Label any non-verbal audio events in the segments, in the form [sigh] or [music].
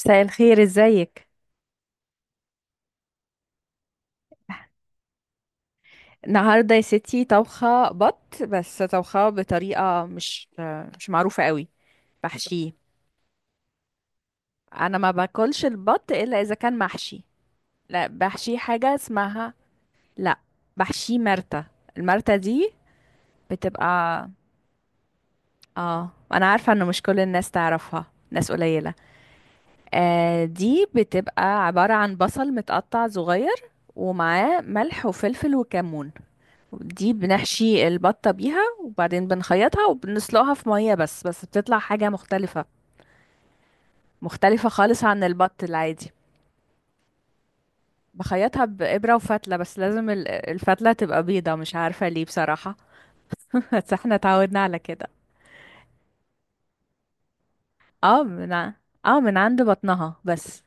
مساء الخير، ازيك؟ النهارده يا ستي طبخه بط، بس طبخه بطريقه مش معروفه قوي. بحشيه. انا ما باكلش البط الا اذا كان محشي. لا، بحشيه حاجه اسمها. لا، بحشيه مرتة. المرتة دي بتبقى. اه، انا عارفه انه مش كل الناس تعرفها، ناس قليله. آه، دي بتبقى عباره عن بصل متقطع صغير، ومعاه ملح وفلفل وكمون. دي بنحشي البطة بيها، وبعدين بنخيطها وبنسلقها في مية بس، بس بتطلع حاجة مختلفة. مختلفة خالص عن البط العادي. بخيطها بإبرة وفتلة، بس لازم الفتلة تبقى بيضة، مش عارفة ليه بصراحة. [laughs] بس احنا اتعودنا على كده. اه من ع- اه، من عند بطنها بس.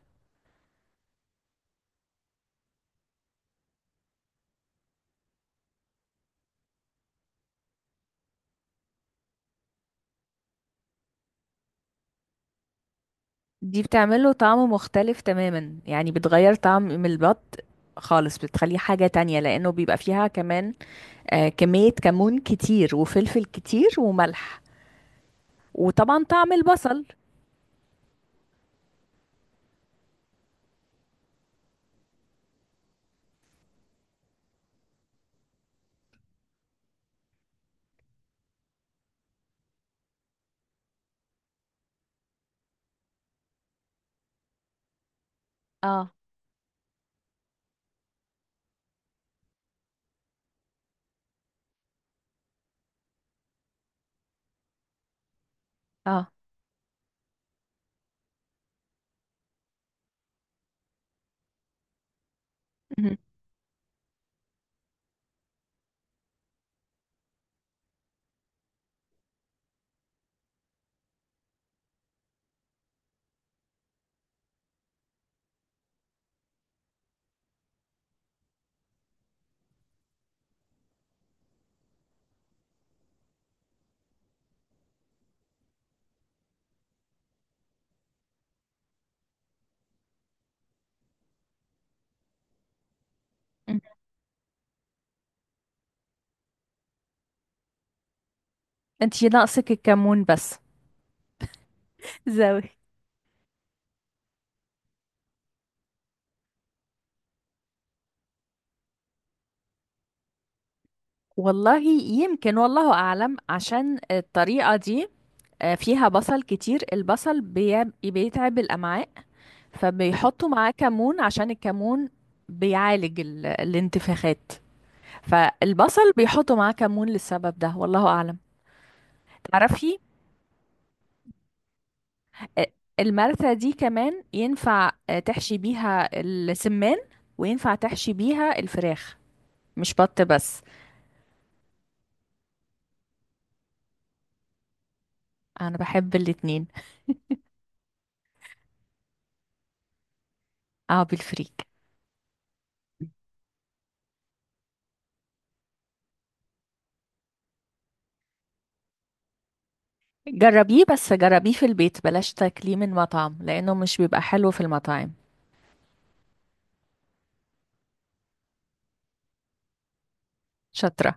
دي بتعمله طعم مختلف تماما، يعني بتغير طعم من البط خالص، بتخليه حاجة تانية، لأنه بيبقى فيها كمان آه كمية كمون كتير وفلفل كتير وملح، وطبعا طعم البصل. اه. اه. مهم. مهم. انت ناقصك الكمون بس. زاوي. والله يمكن، والله أعلم، عشان الطريقة دي فيها بصل كتير، البصل بيتعب الأمعاء، فبيحطوا معاه كمون، عشان الكمون بيعالج الانتفاخات. فالبصل بيحطوا معاه كمون للسبب ده، والله أعلم. تعرفي؟ آه، المرثة دي كمان ينفع تحشي بيها السمان، وينفع تحشي بيها الفراخ، مش بط بس. انا بحب الاتنين. اه، بالفريك. جربيه، بس جربيه في البيت، بلاش تاكليه من مطعم، لانه مش بيبقى حلو في المطاعم. شاطرة.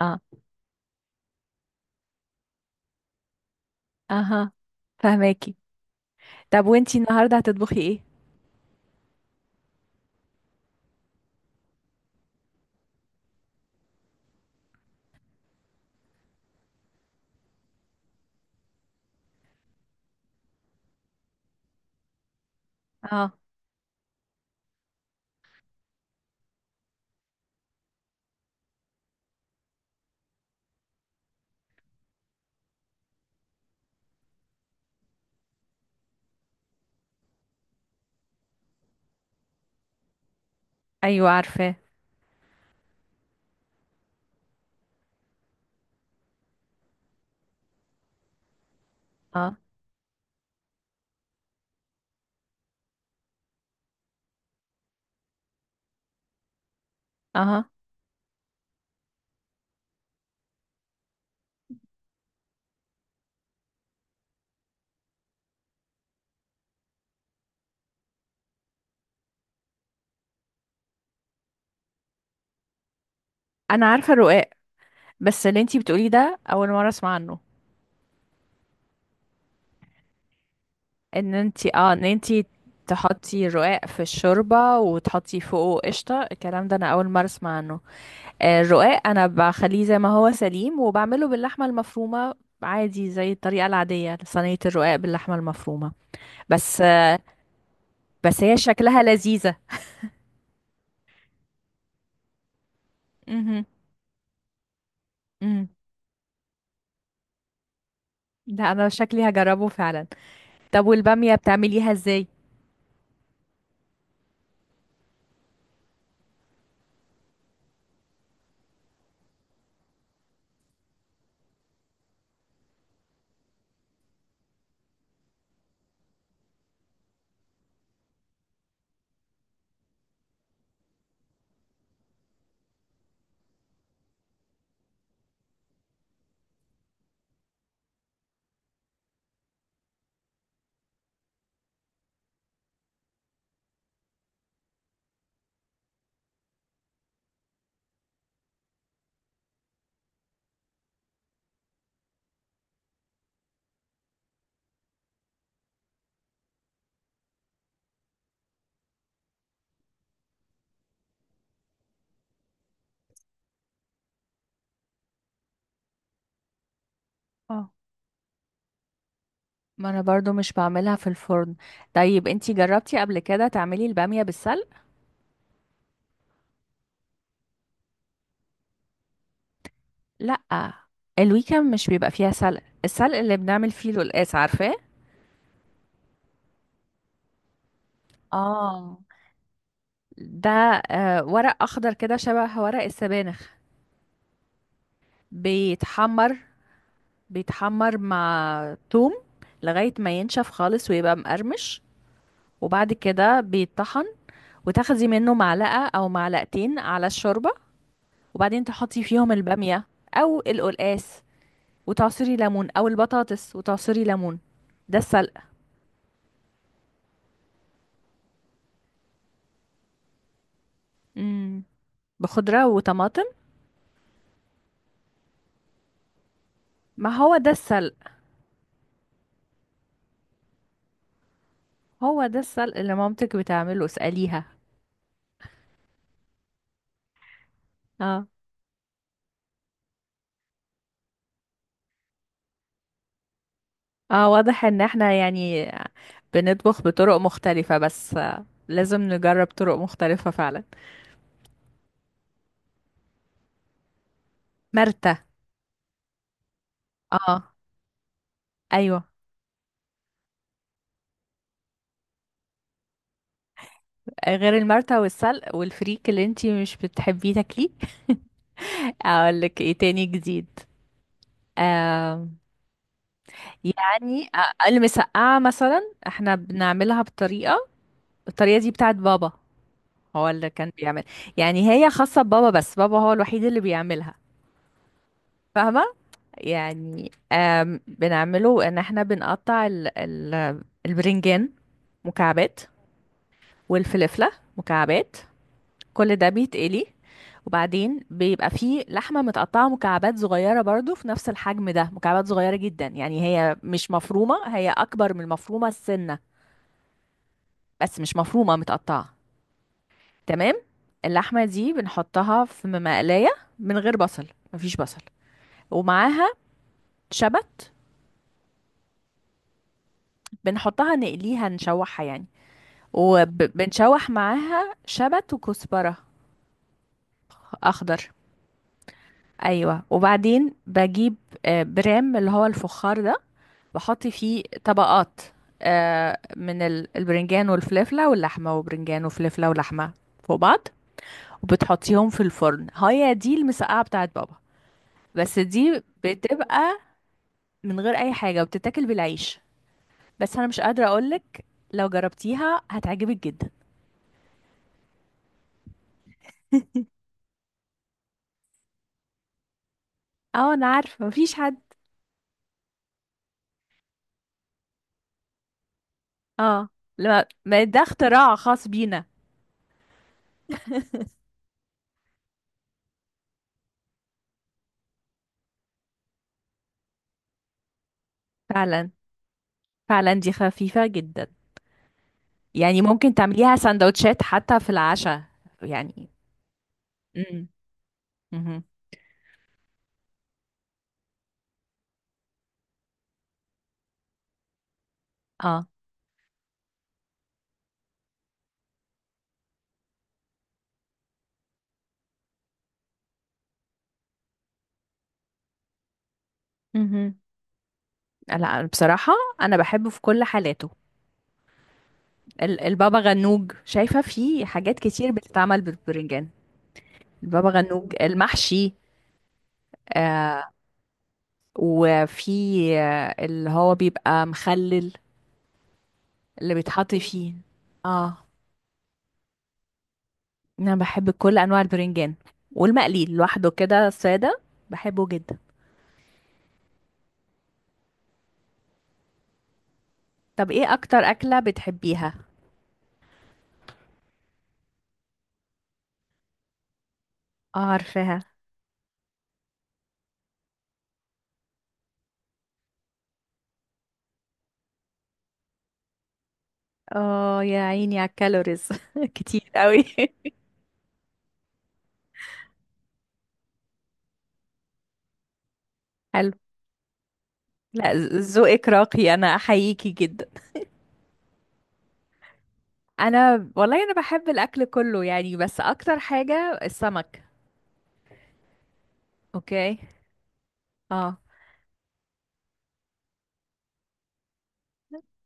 اه. اها. فهماكي. طب وانتي النهاردة هتطبخي ايه؟ اه. ايوه عارفاه. اه. اها. انا عارفة الرقاق، بس اللي انتي بتقوليه ده اول مرة اسمع عنه. ان انتي تحطي الرقاق في الشوربة وتحطي فوقه قشطة، الكلام ده انا اول مرة اسمع عنه. الرقاق انا بخليه زي ما هو سليم، وبعمله باللحمه المفرومه عادي زي الطريقه العاديه، صينيه الرقاق باللحمه المفرومه. بس بس هي شكلها لذيذه. امم. امم. ده انا شكلي هجربه فعلا. طب والباميه بتعمليها ازاي؟ اه، ما انا برضو مش بعملها في الفرن. طيب انتي جربتي قبل كده تعملي الباميه بالسلق؟ لا، الويكند مش بيبقى فيها سلق، السلق اللي بنعمل فيه القلقاس عارفاه. اه، ده ورق اخضر كده شبه ورق السبانخ، بيتحمر. بيتحمر مع توم لغاية ما ينشف خالص ويبقى مقرمش، وبعد كده بيتطحن، وتاخدي منه معلقة أو معلقتين على الشوربة، وبعدين تحطي فيهم البامية أو القلقاس، وتعصري ليمون، أو البطاطس وتعصري ليمون. ده السلق. مم. بخضرة وطماطم. ما هو ده السلق. هو ده السلق اللي مامتك بتعمله، اسأليها. اه، واضح ان احنا يعني بنطبخ بطرق مختلفة، بس لازم نجرب طرق مختلفة فعلا. مرتة. اه. ايوه. غير المرتة والسلق والفريك اللي انتي مش بتحبيه تاكليه. [laughs] اقول لك ايه تاني جديد؟ آه يعني المسقعة مثلا احنا بنعملها بطريقة، الطريقة دي بتاعت بابا، هو اللي كان بيعمل. يعني هي خاصة ببابا، بس بابا هو الوحيد اللي بيعملها. فاهمة؟ يعني بنعمله ان احنا بنقطع ال البرنجان مكعبات، والفلفلة مكعبات، كل ده بيتقلي. وبعدين بيبقى فيه لحمة متقطعة مكعبات صغيرة برضو في نفس الحجم ده، مكعبات صغيرة جدا، يعني هي مش مفرومة، هي أكبر من المفرومة السنة، بس مش مفرومة، متقطعة. تمام. اللحمة دي بنحطها في مقلاية من غير بصل، مفيش بصل، ومعاها شبت. بنحطها، نقليها، نشوحها يعني، وبنشوح معاها شبت وكزبرة أخضر. أيوة، وبعدين بجيب برام اللي هو الفخار ده، بحط فيه طبقات من البرنجان والفلفلة واللحمة، وبرنجان وفلفلة ولحمة فوق بعض، وبتحطيهم في الفرن. هي دي المسقعة بتاعت بابا، بس دي بتبقى من غير أي حاجة، وبتتاكل بالعيش. بس أنا مش قادرة أقولك، لو جربتيها هتعجبك جدا. اه، انا عارفه، مفيش حد. اه، لما ما ده اختراع خاص بينا. فعلا. فعلا دي خفيفة جدا، يعني ممكن تعمليها سندوتشات حتى في العشاء يعني. امم. امم. اه. امم. لا بصراحة، أنا بحبه في كل حالاته. البابا غنوج، شايفة فيه حاجات كتير بتتعمل بالبرنجان. البابا غنوج المحشي. آه وفي اللي هو بيبقى مخلل، اللي بيتحط فيه. اه، انا بحب كل انواع البرنجان، والمقلي لوحده كده ساده بحبه جدا. طب ايه اكتر اكله بتحبيها؟ اه عارفاها. اه يا عيني على الكالوريز [laughs] كتير قوي. حلو. لا. ذوقك راقي، انا احييكي جدا. انا والله انا بحب الاكل كله يعني، بس اكتر حاجه السمك. اوكي. اه.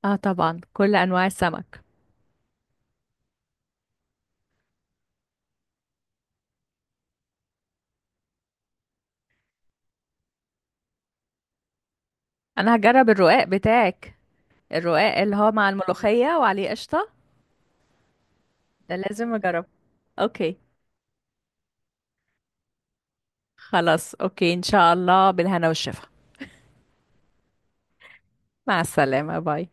اه طبعا، كل انواع السمك. انا هجرب الرقاق بتاعك، الرقاق اللي هو مع الملوخيه وعليه قشطه. ده لازم اجربه. اوكي. خلاص، اوكي، ان شاء الله، بالهنا والشفا. مع السلامة، باي.